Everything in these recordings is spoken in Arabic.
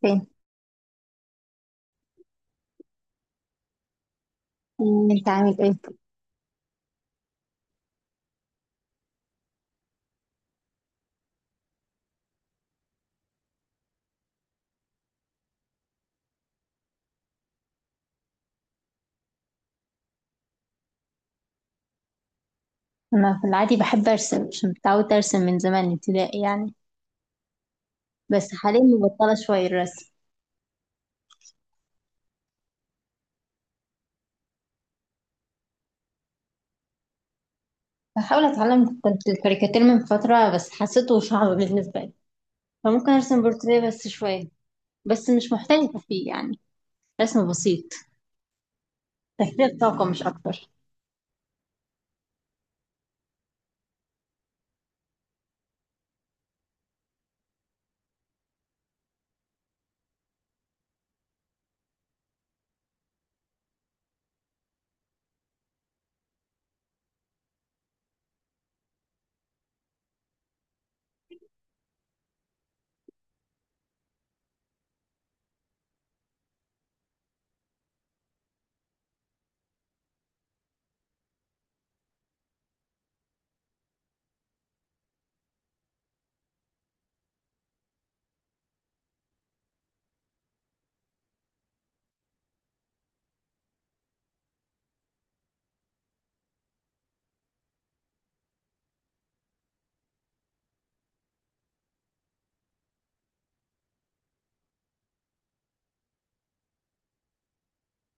فين. انت عامل ايه؟ انا في العادي بحب ارسم عشان متعودة ارسم من زمان ابتدائي يعني. بس حاليا مبطلة شوية الرسم. بحاول اتعلم كنت الكاريكاتير من فترة بس حسيته صعب بالنسبة لي، فممكن ارسم بورتريه بس شوية. بس مش محترفة فيه يعني، رسم بسيط، تفريغ طاقة مش اكتر.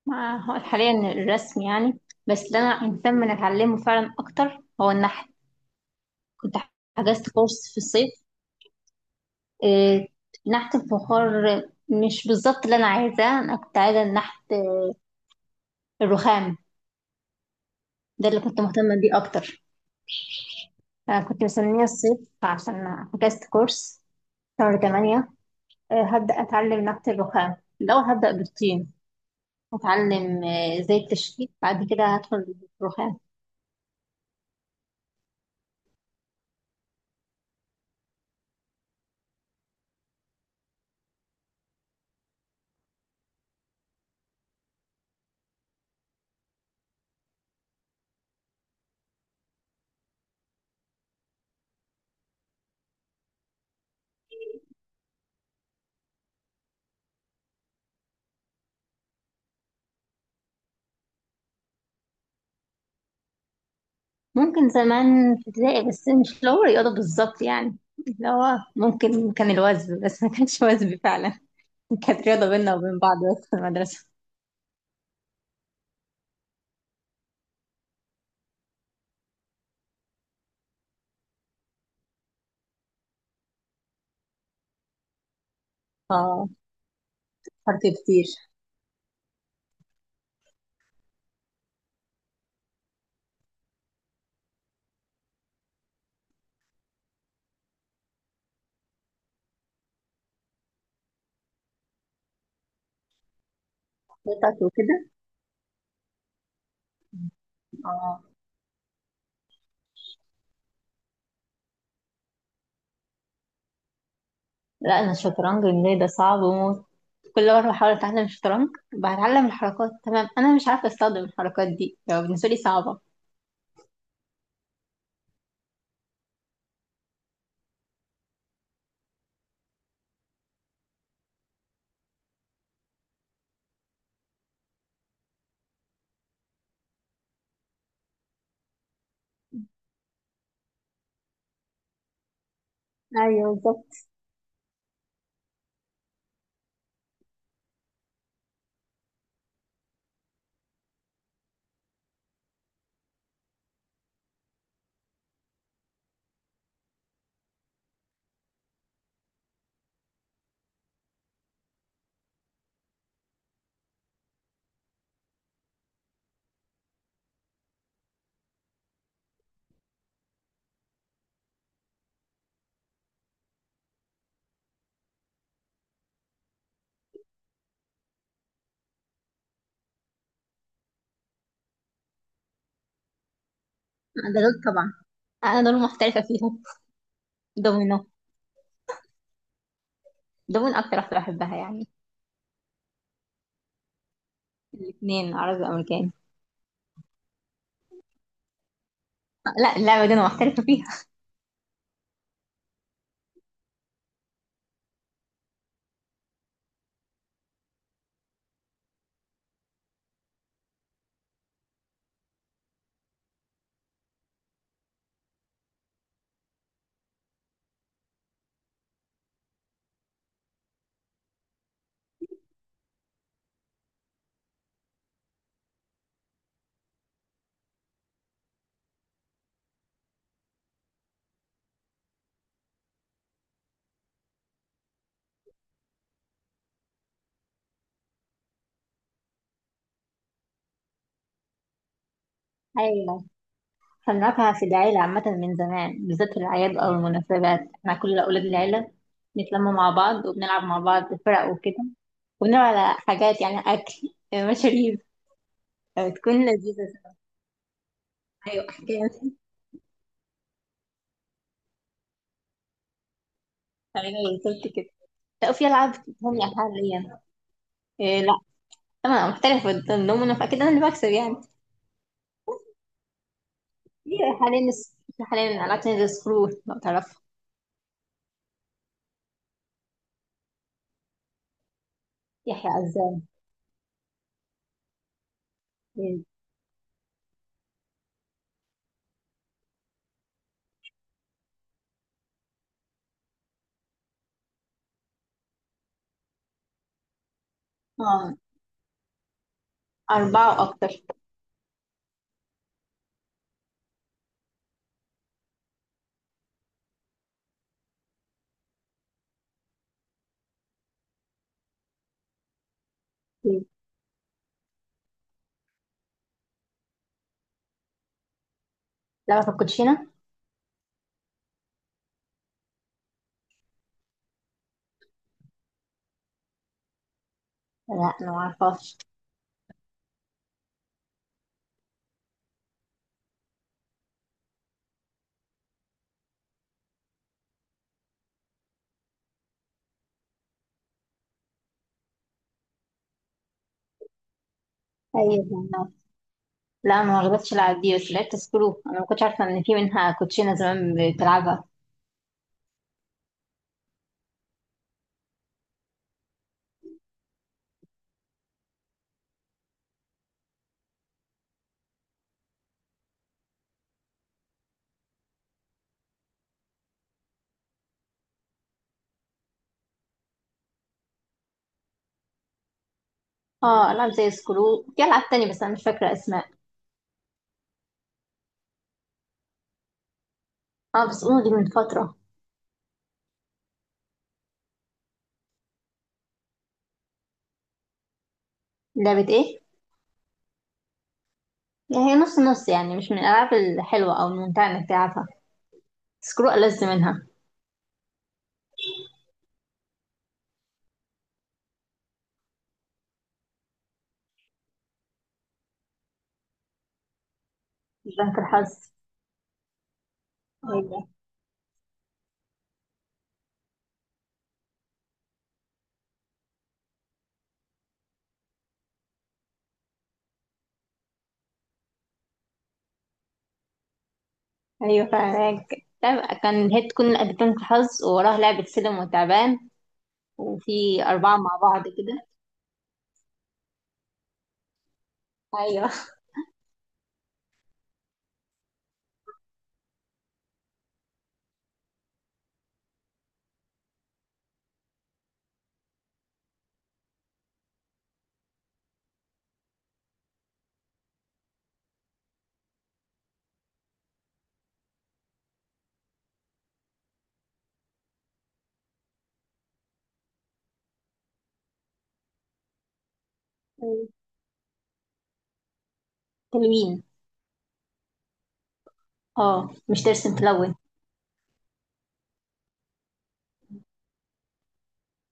مع هو حاليا الرسم يعني، بس اللي انا مهتمة ان اتعلمه فعلا اكتر هو النحت. كنت حجزت كورس في الصيف، آه، نحت الفخار. مش بالظبط اللي انا عايزاه، انا كنت عايزه نحت الرخام. ده اللي كنت مهتمه بيه اكتر. انا كنت مستنيه الصيف عشان فكست كورس شهر 8. هبدا اتعلم نحت الرخام، لو هبدا بالطين اتعلم ازاي التشكيل، بعد كده هدخل الرخام. ممكن زمان في ابتدائي، بس مش اللي هو رياضه بالظبط يعني، اللي هو ممكن كان الوزن بس ما كانش وزن فعلا. كانت رياضه بيننا وبين بعض بس في المدرسه. اه، حرف كتير. خطط وكده. اه. لا، انا الشطرنج بالنسبه لي ده صعب وموت. كل مره بحاول اتعلم الشطرنج، بتعلم الحركات تمام، انا مش عارفه استخدم الحركات دي، لو بالنسبه لي صعبه. ايوه بالظبط. ده دول طبعا، انا دول محترفه فيهم. دومينو. دومينو اكتر واحده بحبها يعني. الاثنين، عربي وامريكاني. لا، اللعبه دي انا محترفه فيها. ايوه. خلناها في العيلة عامة من زمان، بالذات في الأعياد أو المناسبات احنا كل أولاد العيلة بنتلم مع بعض وبنلعب مع بعض فرق وكده. وبنلعب على حاجات يعني، أكل، مشاريب. بتكون لذيذة. أيوة، أحكام. أيوة بالظبط كده. لا، في ألعاب بتفهمني حاليا. إيه؟ لا. أنا محترفة الدومينو فأكيد أنا اللي بكسب يعني. في حاليا، في حاليا ألعاب تانية زي سكرو لو تعرفها. يحيى عزام. إيه،. آه، أربعة وأكتر. لعبة الكوتشينة. لا أنا معرفهاش. أيوة. لا ما غلطتش العب دي، بس لعبت سكرو، انا ما كنتش عارفه ان في منها كوتشينه زمان بتلعبها. اه، العاب زي سكرو، في العاب تانية بس انا مش فاكره اسماء. اه، بس اونو دي من فتره. لعبه ايه؟ يعني هي نص نص يعني، مش من الالعاب الحلوه او الممتعه انك تلعبها، سكرو ألذ منها. بنك الحظ. ايوه، ايوه فعلا. لعبة- كان هي تكون بنك الحظ ووراها لعبه سلم وتعبان، وفي 4 مع بعض كده. ايوه. تلوين. اه، مش ترسم، تلون.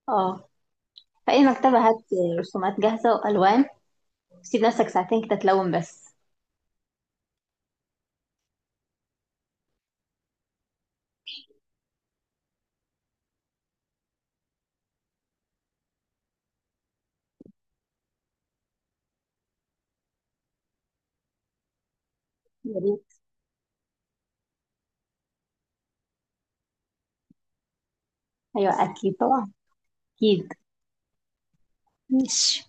اه. فأي مكتبة هات رسومات جاهزة وألوان، سيب نفسك ساعتين كده تلون بس. يا ريت. أيوة أكيد طبعا. أكيد. ماشي.